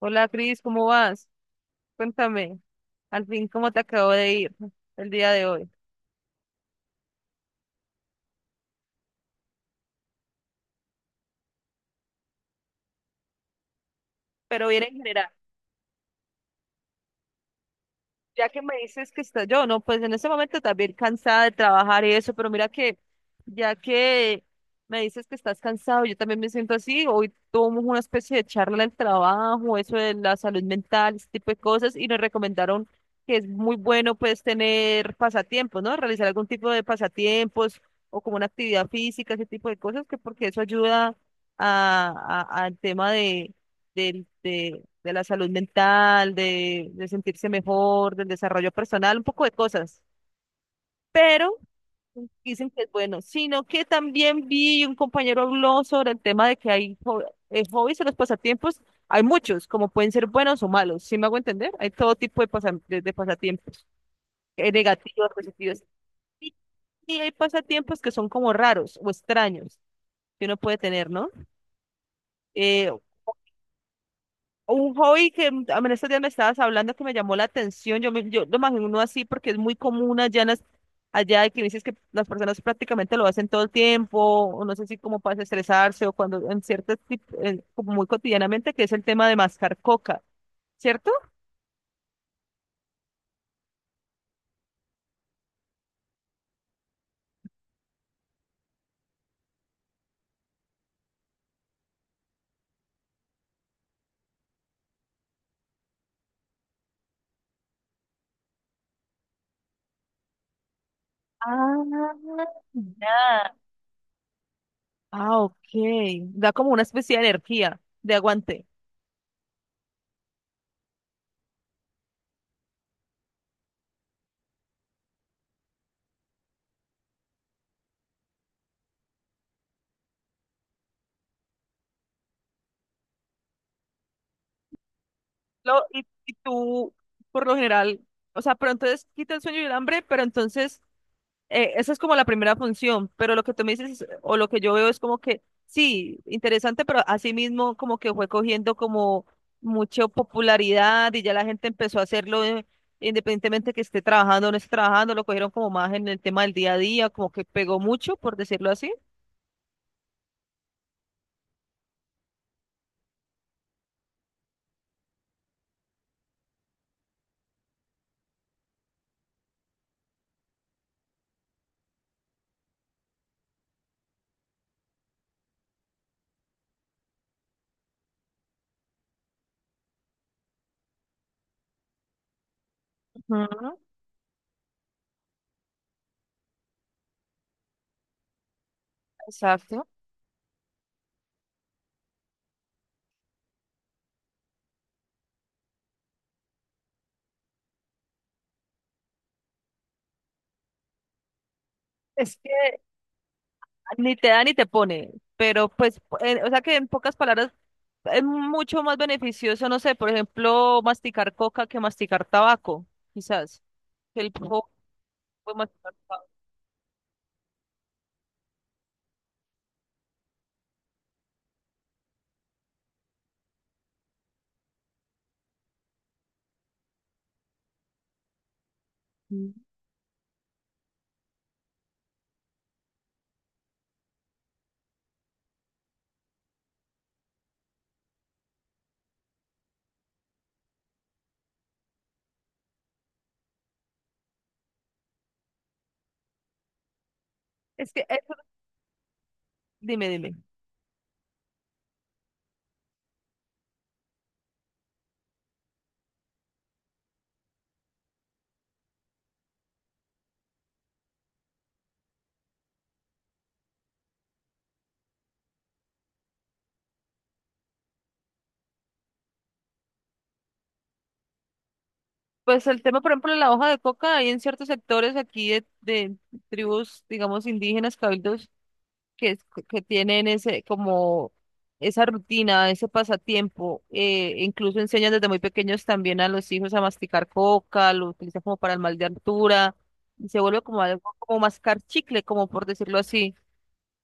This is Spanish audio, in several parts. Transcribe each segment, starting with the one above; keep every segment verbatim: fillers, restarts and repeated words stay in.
Hola Cris, ¿cómo vas? Cuéntame, al fin, ¿cómo te acabo de ir el día de hoy? Pero bien en general. Ya que me dices que está yo, no, pues en este momento también cansada de trabajar y eso, pero mira que ya que me dices que estás cansado, yo también me siento así. Hoy tuvimos una especie de charla del trabajo, eso de la salud mental, ese tipo de cosas, y nos recomendaron que es muy bueno pues tener pasatiempos, ¿no? Realizar algún tipo de pasatiempos o como una actividad física, ese tipo de cosas, que porque eso ayuda a, a- al tema de, del- de, de la salud mental, de, de sentirse mejor, del desarrollo personal, un poco de cosas. Pero dicen que es bueno, sino que también vi un compañero habló sobre el tema de que hay jo- eh, hobbies o los pasatiempos, hay muchos, como pueden ser buenos o malos, ¿sí me hago entender? Hay todo tipo de, pasa- de, de pasatiempos, eh, negativos, positivos. Y, y hay pasatiempos que son como raros o extraños que uno puede tener, ¿no? Eh, Un hobby que mm, en estos días me estabas hablando que me llamó la atención, yo, me- yo lo imagino así porque es muy común allá, en las- allá y que dices que las personas prácticamente lo hacen todo el tiempo, o no sé si como para estresarse o cuando en ciertos, como muy cotidianamente, que es el tema de mascar coca, ¿cierto? Ah, ya. Ah, ok, da como una especie de energía, de aguante. Lo, y, y tú, por lo general, o sea, pero entonces quita el sueño y el hambre, pero entonces... eh, Esa es como la primera función, pero lo que tú me dices es- o lo que yo veo es como que sí, interesante, pero asimismo como que fue cogiendo como mucha popularidad y ya la gente empezó a hacerlo eh, independientemente que esté trabajando o no esté trabajando, lo cogieron como más en el tema del día a día, como que pegó mucho, por decirlo así. Ujú. Exacto. Es que ni te da ni te pone, pero pues, eh, o sea que en pocas palabras es mucho más beneficioso, no sé, por ejemplo, masticar coca que masticar tabaco, quizás. el po- Podemos hablar pa- Mm. Es que eso, dime, dime. Pues el tema, por ejemplo, de la hoja de coca, hay en ciertos sectores aquí de, de tribus, digamos, indígenas, cabildos, que, es- que tienen ese, como esa rutina, ese pasatiempo. Eh, incluso enseñan desde muy pequeños también a los hijos a masticar coca, lo utilizan como para el mal de altura, y se vuelve como algo como mascar chicle, como por decirlo así.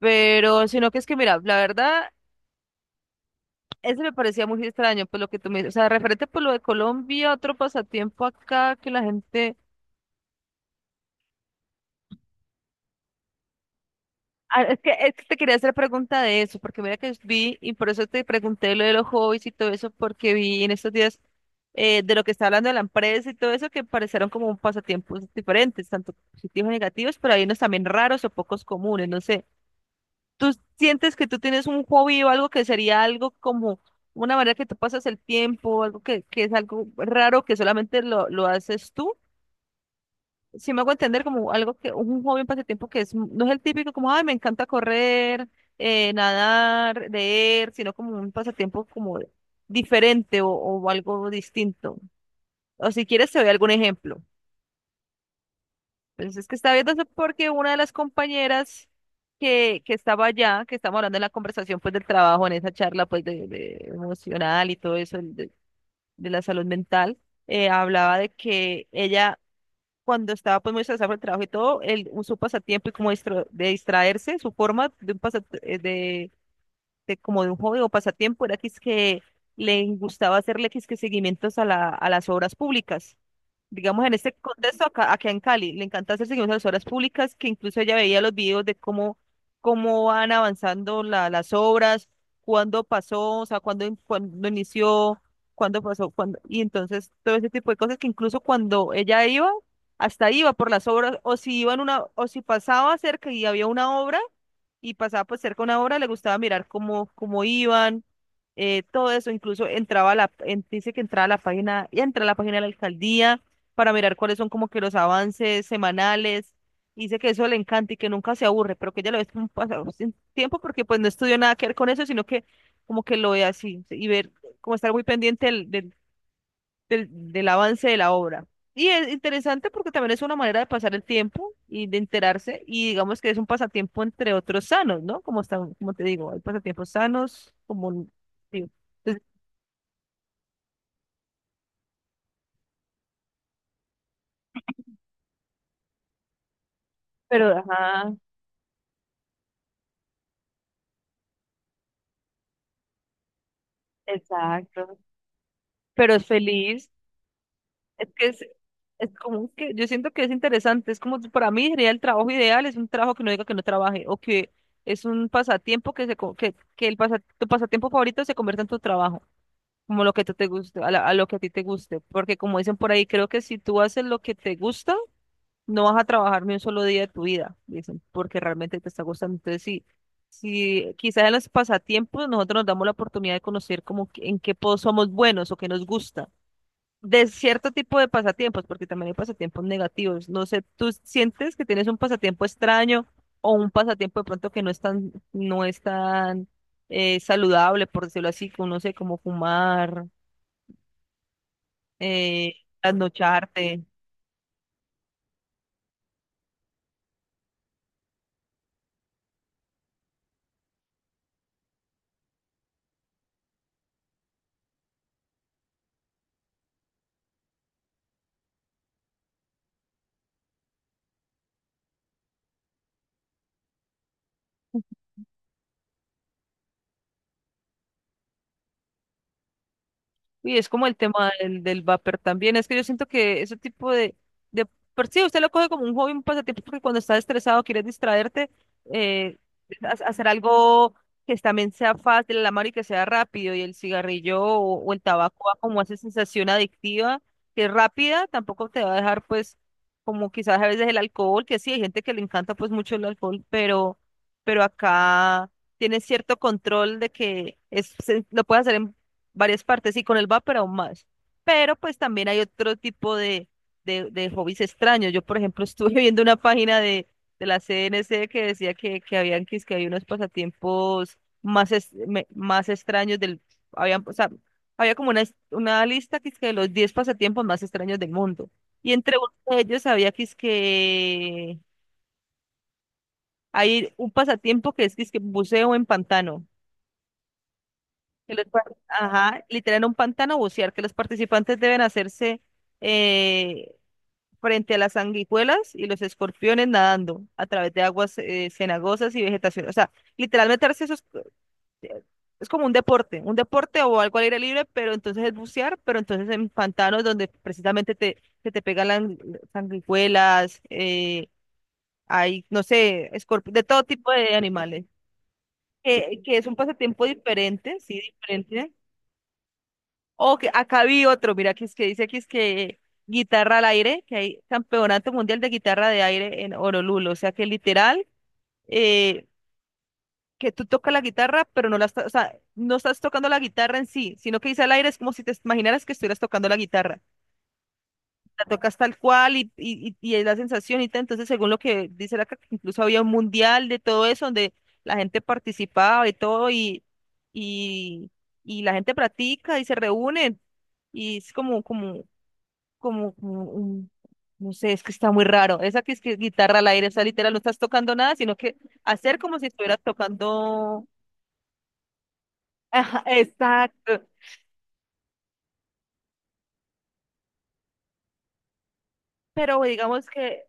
Pero, sino que es que, mira, la verdad. Eso me parecía muy extraño, pues lo que tú me dices, o sea, referente por lo de Colombia, otro pasatiempo acá que la gente... Ah, es que, es que te quería hacer pregunta de eso, porque mira que vi, y por eso te pregunté lo de los hobbies y todo eso, porque vi en estos días eh, de lo que está hablando de la empresa y todo eso, que parecieron como pasatiempos diferentes, tanto positivos y negativos, pero hay unos también raros o pocos comunes, no sé. ¿Tú sientes que tú tienes un hobby o algo que sería algo como una manera que tú pasas el tiempo, algo que, que es algo raro que solamente lo, lo haces tú? Si me hago entender como algo que un hobby, un pasatiempo que es, no es el típico como, ay, me encanta correr, eh, nadar, leer, sino como un pasatiempo como diferente o, o algo distinto. O si quieres te doy algún ejemplo. Pues es que estaba viendo eso porque una de las compañeras que, que estaba allá, que estábamos hablando en la conversación pues del trabajo, en esa charla pues de, de emocional y todo eso, el de, de la salud mental, eh, hablaba de que ella cuando estaba pues muy estresada por el trabajo y todo, el, su pasatiempo y como distro- de distraerse, su forma de, un pasa- eh, de de como de un hobby o pasatiempo era que es que le gustaba hacerle que es que seguimientos a la, a las obras públicas. Digamos, en este contexto, acá, acá en Cali, le encanta hacer seguimientos a las obras públicas, que incluso ella veía los videos de cómo, cómo van avanzando la- las obras, cuándo pasó, o sea, cuándo, in- cuándo inició, cuándo pasó, cuándo, y entonces todo ese tipo de cosas que incluso cuando ella iba, hasta iba por las obras, o si iba en una, o si pasaba cerca y había una obra, y pasaba pues cerca una hora, le gustaba mirar cómo, cómo iban, eh, todo eso, incluso entraba a la, en- dice que entraba a la página, y entra a la página de la alcaldía para mirar cuáles son como que los avances semanales, y dice que eso le encanta y que nunca se aburre, pero que ella lo ve como un pasado sin tiempo porque pues no estudió nada que ver con eso, sino que como que lo ve así, y ver, como estar muy pendiente del, del, del, del avance de la obra. Y es interesante porque también es una manera de pasar el tiempo y de enterarse y digamos que es un pasatiempo entre otros sanos, ¿no? Como están, como te digo, hay pasatiempos sanos, como digo. Entonces, pero, ajá, exacto. Pero es feliz. Es que es, es como que yo siento que es interesante. Es como que para mí sería el trabajo ideal, es un trabajo que no diga que no trabaje o que es un pasatiempo que se co- que, que el pasa- tu pasatiempo favorito se convierta en tu trabajo. Como lo que te, te guste, a, la- a lo que a ti te guste, porque como dicen por ahí, creo que si tú haces lo que te gusta, no vas a trabajar ni un solo día de tu vida, dicen, porque realmente te está gustando. Entonces, sí, sí, quizás en los pasatiempos nosotros nos damos la oportunidad de conocer como que- en qué po- somos buenos o qué nos gusta. De cierto tipo de pasatiempos, porque también hay pasatiempos negativos. No sé, ¿tú sientes que tienes un pasatiempo extraño o un pasatiempo de pronto que no es tan, no es tan eh, saludable, por decirlo así, que uno sé, como fumar? eh, trasnocharte, Y es como el tema del, del vapor también. Es que yo siento que ese tipo de, de... Por sí, usted lo coge como un hobby, un pasatiempo, porque cuando estás estresado, quieres distraerte, eh, ha- hacer algo que también sea fácil a la mano y que sea rápido. Y el cigarrillo o, o el tabaco da como a esa sensación adictiva, que es rápida, tampoco te va a dejar, pues, como quizás a veces el alcohol, que sí, hay gente que le encanta, pues, mucho el alcohol, pero, pero acá tienes cierto control de que es, se- lo puedes hacer en varias partes y con el vapor aún más. Pero pues también hay otro tipo de, de, de hobbies extraños. Yo, por ejemplo, estuve viendo una página de, de la C N C que decía que, que habían que, es que había unos pasatiempos más, es- me- más extraños del, habían, o sea, había como una, es- una lista que es que de los diez pasatiempos más extraños del mundo. Y entre uno de ellos había que es que hay un pasatiempo que es que es que buceo en pantano. que los par- ajá, literal en un pantano bucear, que los participantes deben hacerse eh, frente a las sanguijuelas y los escorpiones nadando a través de aguas eh, cenagosas y vegetación. O sea, literal meterse esos eh, es como un deporte, un deporte o algo al aire libre, pero entonces es bucear, pero entonces en pantanos donde precisamente te, se te pegan las sanguijuelas, eh, hay, no sé, escorp- de todo tipo de animales. Que, que es un pasatiempo diferente, sí, diferente. O que acá vi otro, mira, que es que dice que es que guitarra al aire, que hay campeonato mundial de guitarra de aire en Honolulu, o sea que literal, eh, que tú tocas la guitarra, pero no la estás, o sea, no estás tocando la guitarra en sí, sino que dice al aire es como si te imaginaras que estuvieras tocando la guitarra. La tocas tal cual y, y, y y es la sensación y tal. Entonces, según lo que dice la que incluso había un mundial de todo eso, donde la gente participaba y todo, y, y, y la gente practica y se reúnen. Y es como, como, como, como un- no sé, es que está muy raro. Esa que es que guitarra al aire, esa literal no estás tocando nada, sino que hacer como si estuvieras tocando. Ajá, exacto. Pero digamos que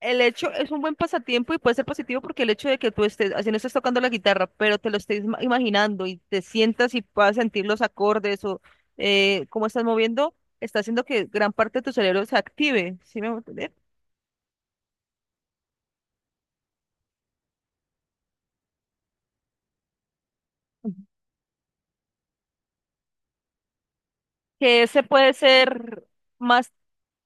el hecho es un buen pasatiempo y puede ser positivo porque el hecho de que tú estés, así no estés tocando la guitarra, pero te lo estés ma- imaginando y te sientas y puedas sentir los acordes o eh, cómo estás moviendo, está haciendo que gran parte de tu cerebro se active, ¿sí me voy a entender? Ujú. Que ese puede ser más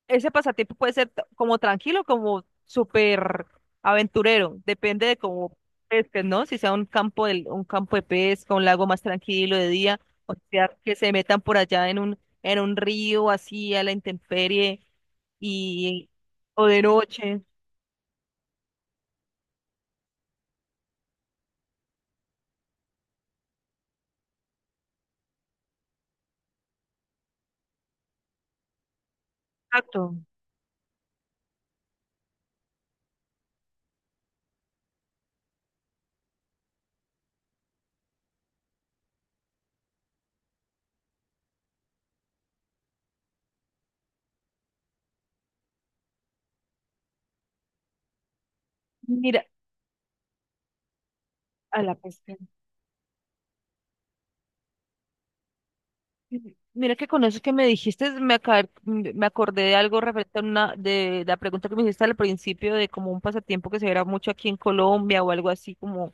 ese pasatiempo puede ser t- como tranquilo, como súper aventurero, depende de cómo pesques, ¿no? Si sea un campo de, un campo de pesca, un lago más tranquilo de día, o sea, que se metan por allá en un, en un río así a la intemperie y o de noche. Exacto. Mira, a la pesca. Ujú. Mira que con eso que me dijiste, me, aca- m- me acordé de algo referente a una, de, la pregunta que me hiciste al principio de como un pasatiempo que se verá mucho aquí en Colombia o algo así como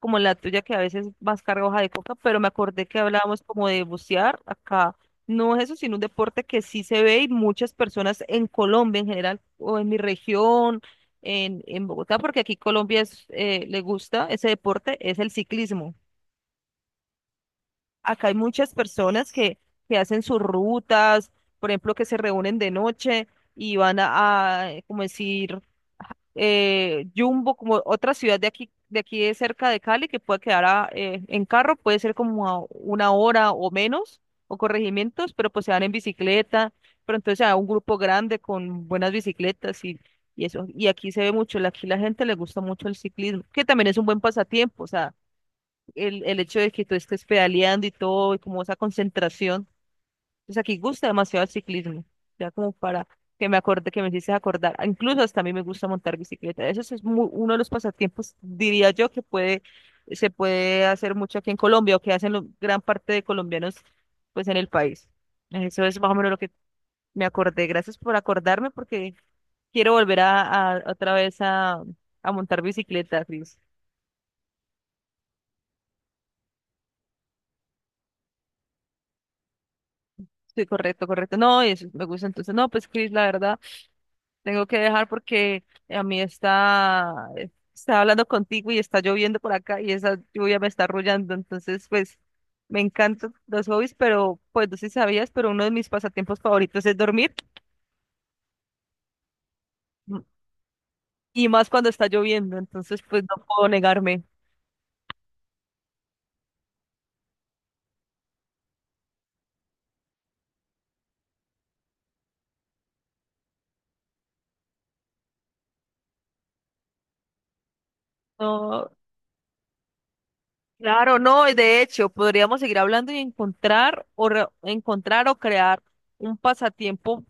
como la tuya que a veces vas carga hoja de coca, pero me acordé que hablábamos como de bucear acá. No es eso, sino un deporte que sí se ve y muchas personas en Colombia en general o en mi región, en, en Bogotá, porque aquí Colombia es, eh, le gusta ese deporte, es el ciclismo. Acá hay muchas personas que, que hacen sus rutas, por ejemplo, que se reúnen de noche y van a, a, como decir, eh, Yumbo, como otra ciudad de aquí, de aquí de cerca de Cali, que puede quedar a- eh, en carro, puede ser como a una hora o menos, o corregimientos, pero pues se van en bicicleta, pero entonces se va un grupo grande con buenas bicicletas y, y eso. Y aquí se ve mucho, la- aquí la gente le gusta mucho el ciclismo, que también es un buen pasatiempo, o sea, el, el hecho de que tú estés pedaleando y todo, y como esa concentración. Pues aquí gusta demasiado el ciclismo, ya como para que me acorde, que me hiciste acordar. Ah, incluso hasta a mí me gusta montar bicicleta. Eso sí es mu- uno de los pasatiempos, diría yo, que puede, se puede hacer mucho aquí en Colombia o que hacen lo- gran parte de colombianos pues en el país. Eso es más o menos lo que me acordé. Gracias por acordarme porque quiero volver a, a- otra vez a, a montar bicicleta, Cris. Sí, correcto, correcto. No, eso me gusta entonces. No, pues Cris, la verdad. Tengo que dejar porque a mí está, está hablando contigo y está lloviendo por acá y esa lluvia me está arrullando. Entonces, pues me encantan los hobbies, pero pues no sé si sabías, pero uno de mis pasatiempos favoritos es dormir m- y más cuando está lloviendo. Entonces, pues no puedo negarme. No, claro, no. Y de hecho, podríamos seguir hablando y encontrar o re- encontrar o crear un pasatiempo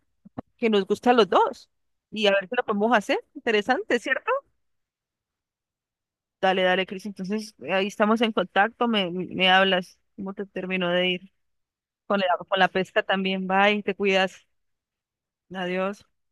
que nos guste a los dos y a ver si lo podemos hacer. Interesante, ¿cierto? Dale, dale, Cris. Entonces, ahí estamos en contacto. Me, me hablas cómo te terminó de ir con la, con la pesca también. Bye, te cuidas. Adiós.